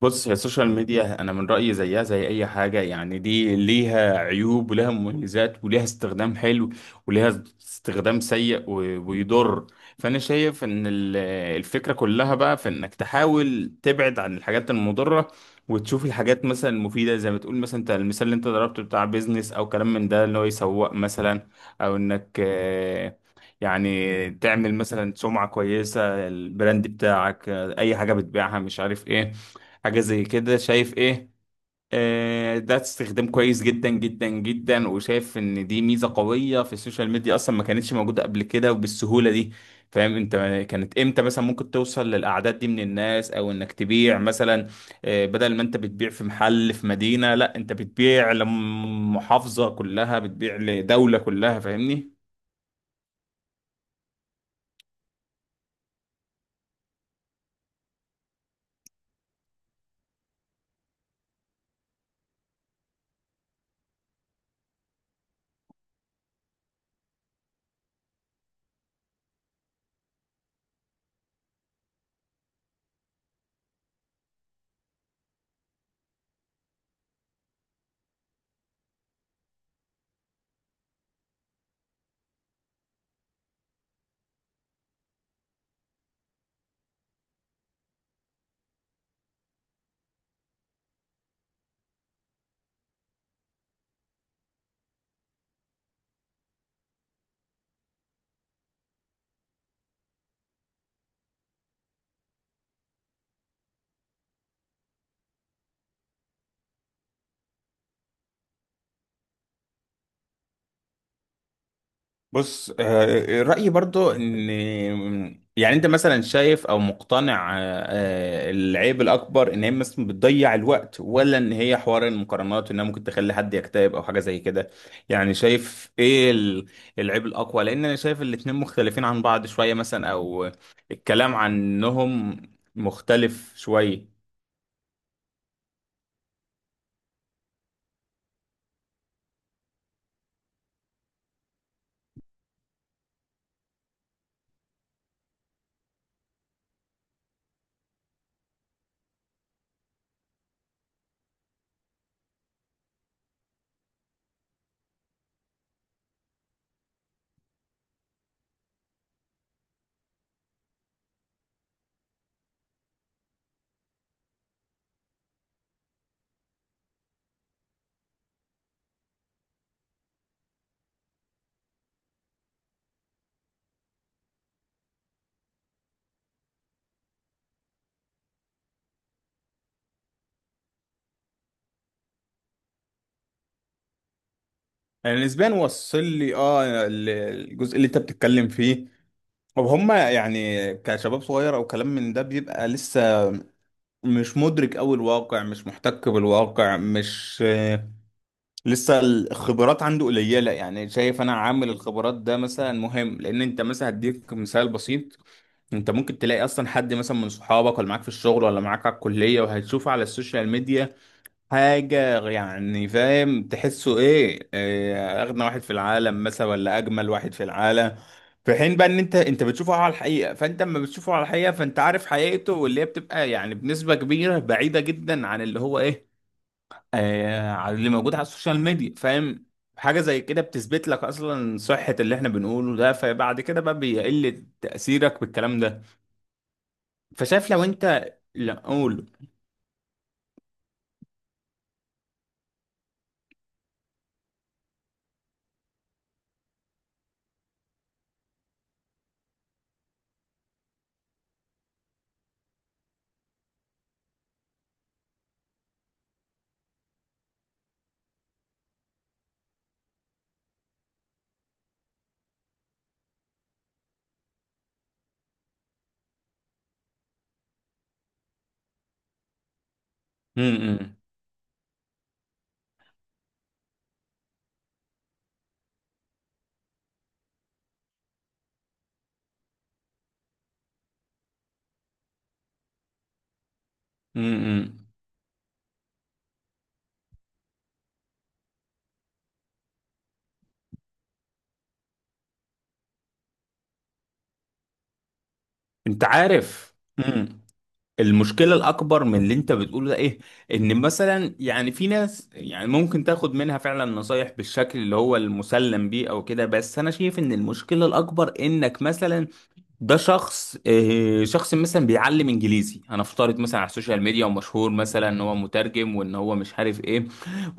بص، هي السوشيال ميديا انا من رايي زيها زي اي حاجه. يعني دي ليها عيوب ولها مميزات، وليها استخدام حلو وليها استخدام سيء ويضر. فانا شايف ان الفكره كلها بقى في انك تحاول تبعد عن الحاجات المضره، وتشوف الحاجات مثلا المفيده زي ما تقول مثلا. انت المثال اللي انت ضربته بتاع بيزنس او كلام من ده اللي هو يسوق مثلا، او انك يعني تعمل مثلا سمعه كويسه البراند بتاعك، اي حاجه بتبيعها مش عارف ايه، حاجة زي كده. شايف ايه؟ آه، ده استخدام كويس جدا جدا جدا، وشايف ان دي ميزة قوية في السوشيال ميديا اصلا ما كانتش موجودة قبل كده وبالسهولة دي. فاهم انت؟ كانت امتى مثلا ممكن توصل للاعداد دي من الناس، او انك تبيع مثلا؟ آه، بدل ما انت بتبيع في محل في مدينة، لا انت بتبيع لمحافظة كلها، بتبيع لدولة كلها، فاهمني. بص، رأيي برضو ان يعني انت مثلا شايف او مقتنع العيب الاكبر ان هي مثلا بتضيع الوقت، ولا ان هي حوار المقارنات انها ممكن تخلي حد يكتئب او حاجة زي كده؟ يعني شايف ايه العيب الاقوى؟ لان انا شايف الاتنين مختلفين عن بعض شوية مثلا، او الكلام عنهم مختلف شوية. انا نسبيا وصل لي الجزء اللي انت بتتكلم فيه. طب هما يعني كشباب صغير او كلام من ده بيبقى لسه مش مدرك قوي الواقع، مش محتك بالواقع، مش لسه الخبرات عنده قليله. يعني شايف انا عامل الخبرات ده مثلا مهم. لان انت مثلا هديك مثال بسيط. انت ممكن تلاقي اصلا حد مثلا من صحابك ولا معاك في الشغل ولا معاك على الكليه، وهتشوفه على السوشيال ميديا حاجة يعني فاهم تحسه ايه, إيه اغنى واحد في العالم مثلا ولا اجمل واحد في العالم. في حين بقى ان انت بتشوفه على الحقيقة، فانت اما بتشوفه على الحقيقة فانت عارف حقيقته، واللي هي بتبقى يعني بنسبة كبيرة بعيدة جدا عن اللي هو ايه، آه، عن اللي موجود على السوشيال ميديا، فاهم. حاجة زي كده بتثبت لك اصلا صحة اللي احنا بنقوله ده، فبعد كده بقى بيقل تأثيرك بالكلام ده. فشايف لو انت لا اقول امم. امم. انت عارف، امم، المشكلة الأكبر من اللي أنت بتقوله ده إيه؟ إن مثلا يعني في ناس يعني ممكن تاخد منها فعلا نصايح بالشكل اللي هو المسلم بيه أو كده، بس أنا شايف إن المشكلة الأكبر إنك مثلا ده شخص شخص مثلا بيعلم إنجليزي هنفترض مثلا على السوشيال ميديا، ومشهور مثلا إن هو مترجم وإن هو مش عارف إيه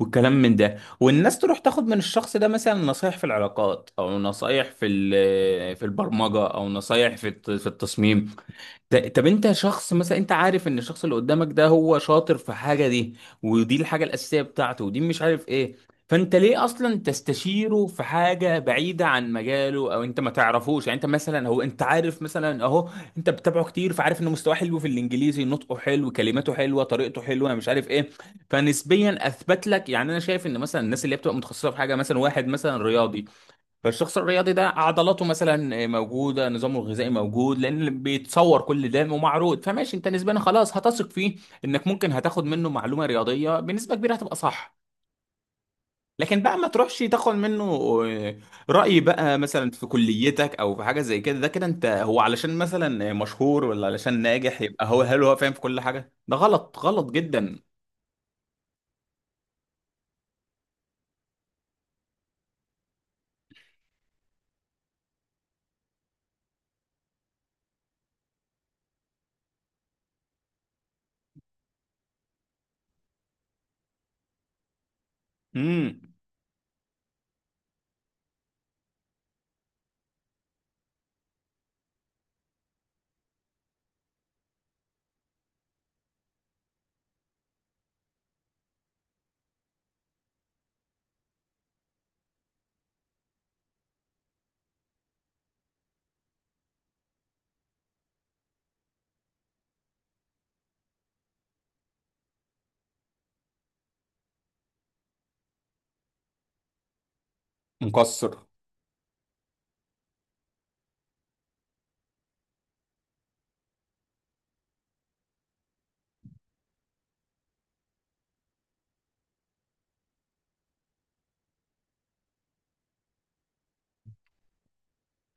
والكلام من ده، والناس تروح تاخد من الشخص ده مثلا نصايح في العلاقات، أو نصايح في في البرمجة، أو نصايح في في التصميم. طب انت شخص مثلا انت عارف ان الشخص اللي قدامك ده هو شاطر في حاجه دي، ودي الحاجه الاساسيه بتاعته، ودي مش عارف ايه. فانت ليه اصلا تستشيره في حاجه بعيده عن مجاله؟ او انت ما تعرفوش. يعني انت مثلا، هو انت عارف مثلا اهو، انت بتتابعه كتير، فعارف انه مستواه حلو في الانجليزي، نطقه حلو، كلماته حلوه، طريقته حلوه، مش عارف ايه، فنسبيا اثبت لك. يعني انا شايف ان مثلا الناس اللي هي بتبقى متخصصه في حاجه، مثلا واحد مثلا رياضي، فالشخص الرياضي ده عضلاته مثلا موجوده، نظامه الغذائي موجود، لان بيتصور كل ده ومعروض، فماشي انت نسبيا خلاص هتثق فيه انك ممكن هتاخد منه معلومه رياضيه بنسبه كبيره هتبقى صح. لكن بقى ما تروحش تاخد منه رأي بقى مثلا في كليتك او في حاجه زي كده. ده كده انت هو علشان مثلا مشهور ولا علشان ناجح يبقى هو، هل هو فاهم في كل حاجه؟ ده غلط، غلط جدا. امم. مقصر.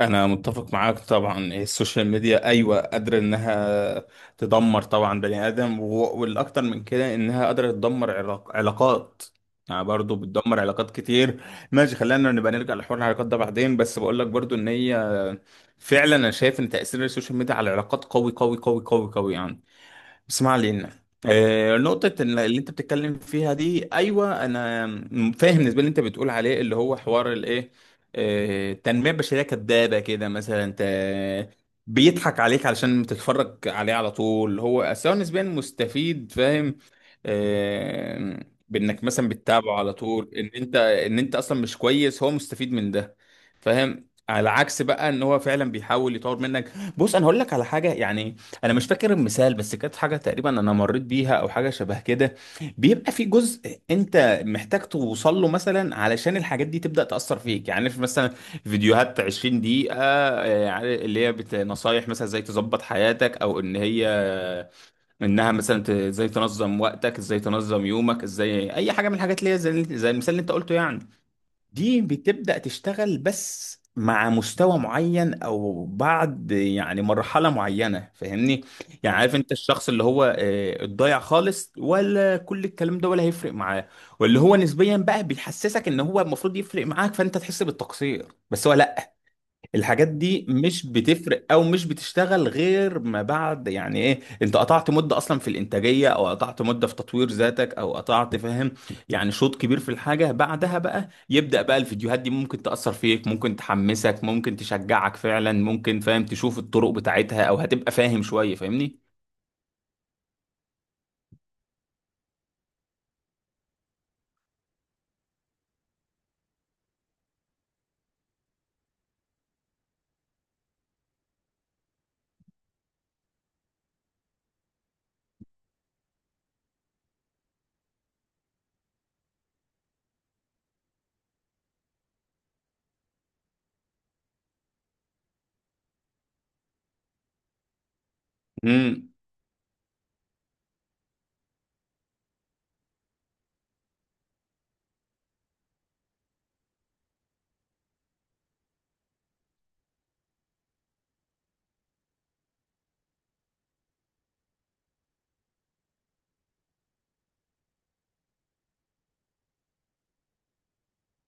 انا متفق معاك طبعا، السوشيال ميديا ايوه قادره انها تدمر طبعا بني ادم، والاكتر من كده انها قادره تدمر علاقات، يعني برضو بتدمر علاقات كتير. ماشي، خلينا نبقى نرجع لحوار العلاقات ده بعدين، بس بقول لك برضو ان هي فعلا، انا شايف ان تاثير السوشيال ميديا على العلاقات قوي قوي قوي قوي قوي يعني. اسمع لي نقطة اللي انت بتتكلم فيها دي ايوه انا فاهم بالنسبة اللي انت بتقول عليه اللي هو حوار الايه، التنمية البشرية كدابة كده مثلا. انت بيضحك عليك علشان تتفرج عليه على طول، هو سواء نسبيا مستفيد فاهم، آه، بانك مثلا بتتابعه على طول، ان انت ان انت اصلا مش كويس هو مستفيد من ده فاهم، على عكس بقى ان هو فعلا بيحاول يطور منك. بص انا هقول لك على حاجة يعني، انا مش فاكر المثال، بس كانت حاجه تقريبا انا مريت بيها او حاجه شبه كده. بيبقى في جزء انت محتاج توصل له مثلا علشان الحاجات دي تبدا تاثر فيك. يعني في مثلا فيديوهات 20 دقيقه، يعني اللي هي نصايح مثلا ازاي تظبط حياتك، او ان هي انها مثلا ازاي تنظم وقتك، ازاي تنظم يومك، ازاي اي حاجه من الحاجات اللي هي زي زي المثال اللي انت قلته يعني. دي بتبدأ تشتغل بس مع مستوى معين، او بعد يعني مرحلة معينة، فاهمني. يعني عارف انت الشخص اللي هو الضايع خالص، ولا كل الكلام ده ولا هيفرق معاه، واللي هو نسبيا بقى بيحسسك ان هو المفروض يفرق معاك فانت تحس بالتقصير، بس هو لا. الحاجات دي مش بتفرق او مش بتشتغل غير ما بعد يعني ايه انت قطعت مده اصلا في الانتاجيه، او قطعت مده في تطوير ذاتك، او قطعت فاهم يعني شوط كبير في الحاجه، بعدها بقى يبدا بقى الفيديوهات دي ممكن تاثر فيك، ممكن تحمسك، ممكن تشجعك فعلا، ممكن فاهم تشوف الطرق بتاعتها، او هتبقى فاهم شويه فاهمني. امم.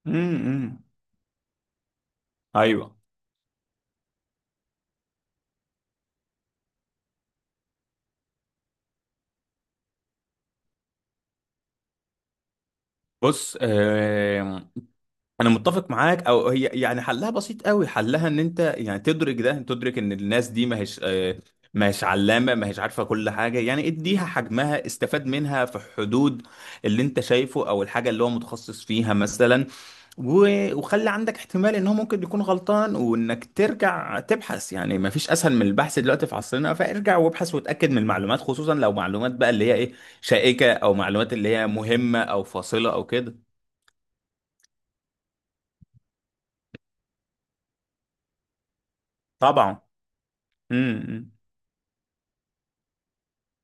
إمم. ايوه، بص آه، انا متفق معاك. او هي يعني حلها بسيط قوي. حلها ان انت يعني تدرك ده، تدرك ان الناس دي ما هيش علامه، ما هيش عارفه كل حاجه، يعني اديها حجمها، استفاد منها في حدود اللي انت شايفه او الحاجه اللي هو متخصص فيها مثلا، وخلي عندك احتمال ان هو ممكن يكون غلطان، وانك ترجع تبحث، يعني ما فيش اسهل من البحث دلوقتي في عصرنا، فارجع وابحث وتاكد من المعلومات، خصوصا لو معلومات بقى اللي هي ايه شائكه، او معلومات اللي هي مهمه او فاصله او كده. طبعا. امم. إمم.